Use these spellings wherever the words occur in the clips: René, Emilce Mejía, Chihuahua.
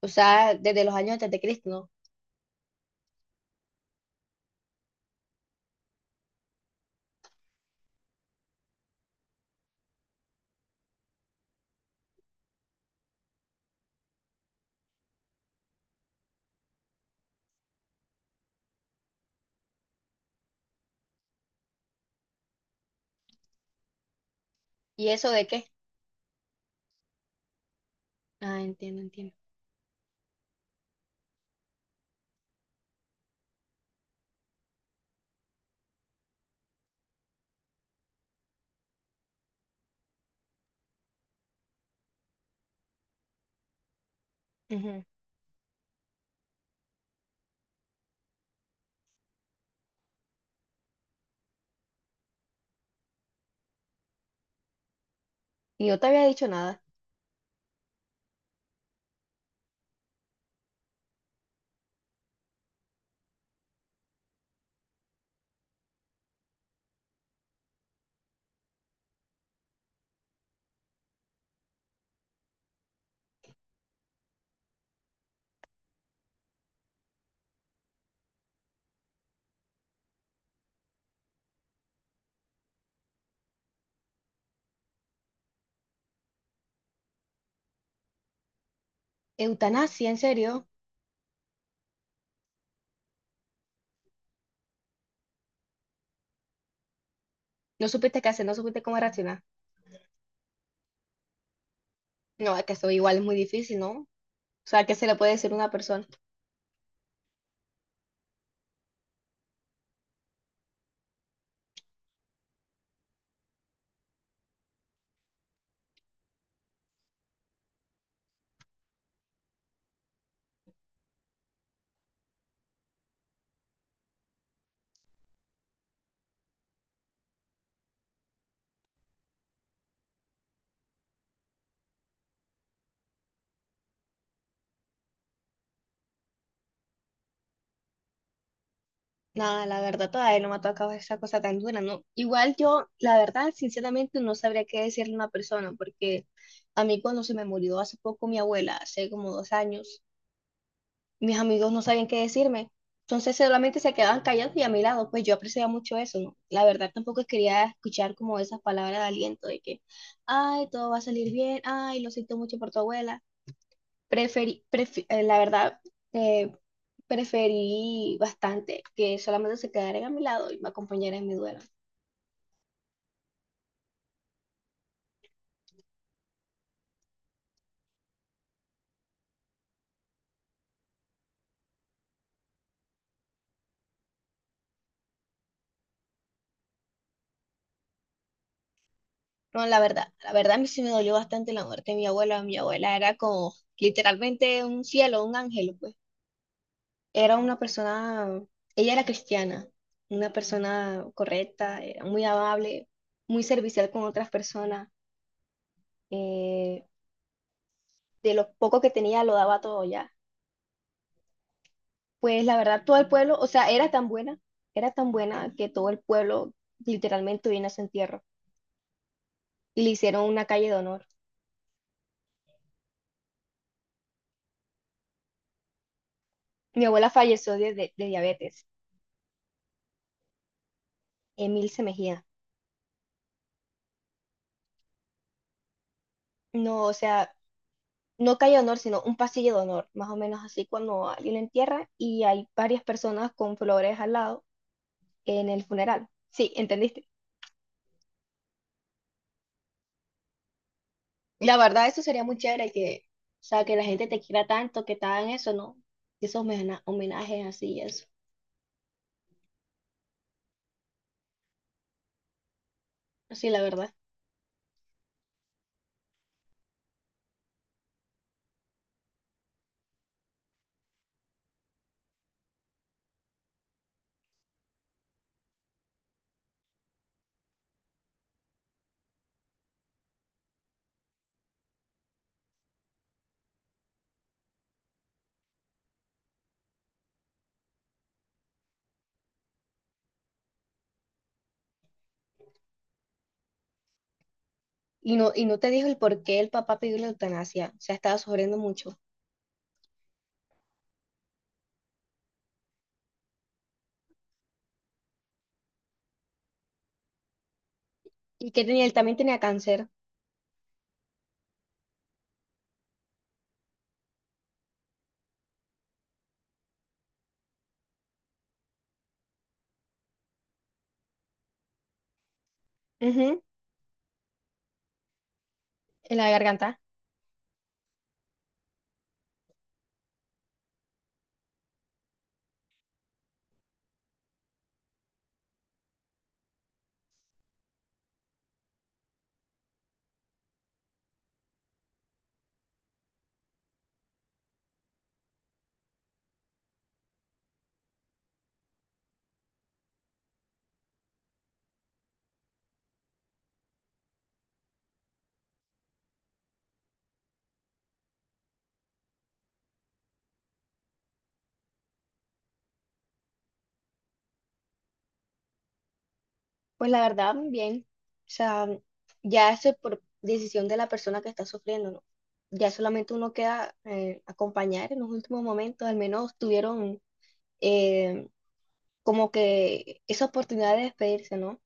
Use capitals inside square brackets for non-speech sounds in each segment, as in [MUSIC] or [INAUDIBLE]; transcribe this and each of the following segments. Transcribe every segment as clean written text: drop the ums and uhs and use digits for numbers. O sea, desde los años antes de Cristo, ¿no? ¿Y eso de qué? Ah, entiendo, entiendo. Ujú. Y yo te había dicho nada. Eutanasia, ¿en serio? ¿No supiste qué hacer? ¿No supiste cómo reaccionar? No, es que eso igual es muy difícil, ¿no? O sea, ¿qué se le puede decir a una persona? Nada, la verdad todavía no me ha tocado esa cosa tan dura, ¿no? Igual yo, la verdad, sinceramente no sabría qué decirle a una persona, porque a mí cuando se me murió hace poco mi abuela, hace como 2 años, mis amigos no sabían qué decirme. Entonces solamente se quedaban callados y a mi lado, pues yo apreciaba mucho eso, ¿no? La verdad tampoco quería escuchar como esas palabras de aliento de que, ay, todo va a salir bien, ay, lo siento mucho por tu abuela. Preferí, la verdad, eh, preferí bastante que solamente se quedaran a mi lado y me acompañaran en mi duelo. No, la verdad a mí sí me dolió bastante la muerte de mi abuela. Mi abuela era como literalmente un cielo, un ángel, pues. Era una persona, ella era cristiana, una persona correcta, era muy amable, muy servicial con otras personas. eh, de lo poco que tenía lo daba todo ya. Pues la verdad, todo el pueblo, o sea, era tan buena que todo el pueblo literalmente vino a su entierro y le hicieron una calle de honor. Mi abuela falleció de diabetes, Emilce Mejía. No, o sea, no calle de honor, sino un pasillo de honor, más o menos así cuando alguien la entierra y hay varias personas con flores al lado en el funeral. Sí, ¿entendiste? La verdad, eso sería muy chévere que, o sea, que la gente te quiera tanto, que te hagan eso, ¿no? Esos homenajes así y eso. Sí, la verdad. Y no te dijo el por qué el papá pidió la eutanasia. O sea, estaba sufriendo mucho. Y que tenía, él también tenía cáncer. Ujú. En la garganta. Pues la verdad, bien. O sea, ya eso es por decisión de la persona que está sufriendo, ¿no? Ya solamente uno queda acompañar en los últimos momentos. Al menos tuvieron eh, como que esa oportunidad de despedirse, ¿no?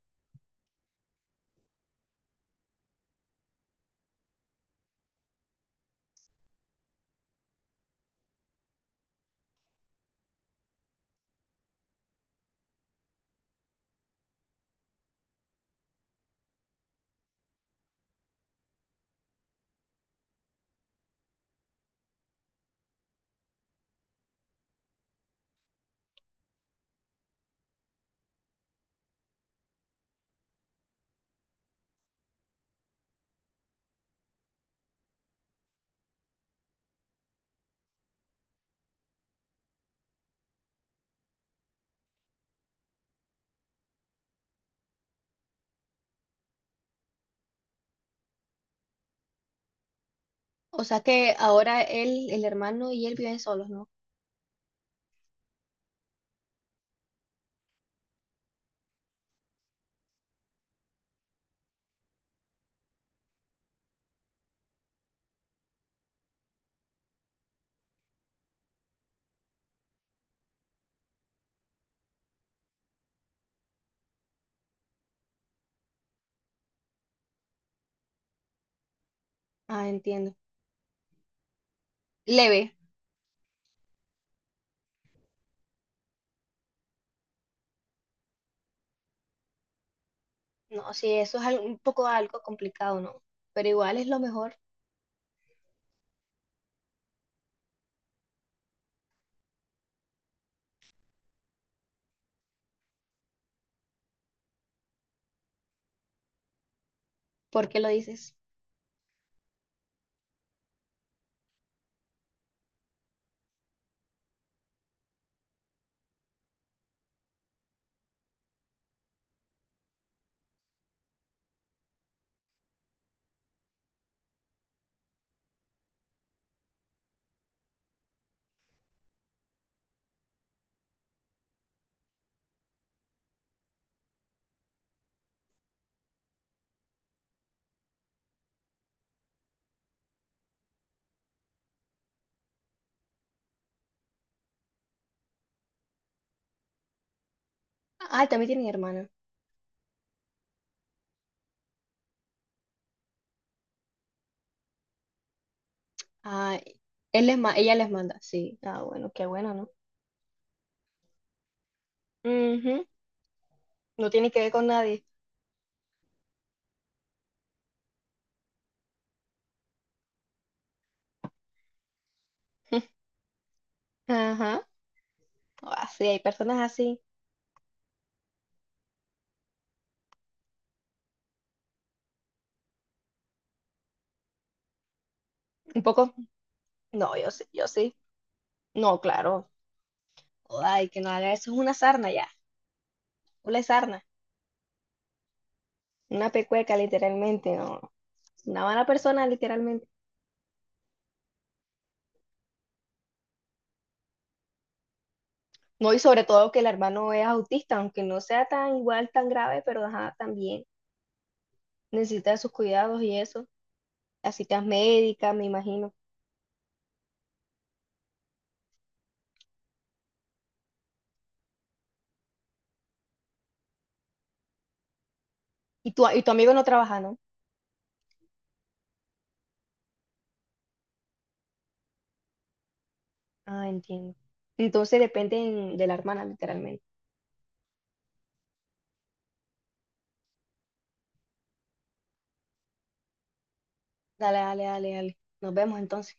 O sea que ahora él, el hermano y él viven solos, ¿no? Ah, entiendo. Leve, no, sí, eso es un poco algo complicado, ¿no? Pero igual es lo mejor. ¿Por qué lo dices? Ah, también tienen hermana. Ah, él ella les manda, sí. Ah, bueno, qué bueno, ¿no? Ujú. No tiene que ver con nadie. [LAUGHS] Ajá. Ah, sí, hay personas así. Un poco. No, yo sí, yo sí. No, claro. Ay, que no haga eso es una sarna ya. Una sarna. Una pecueca, literalmente, no. Una mala persona, literalmente. No, y sobre todo que el hermano es autista, aunque no sea tan igual, tan grave, pero ajá, también necesita de sus cuidados y eso. Las citas médicas, me imagino. Y tu amigo no trabaja, ¿no? Ah, entiendo. Entonces dependen de la hermana, literalmente. Dale, dale, dale, dale. Nos vemos entonces.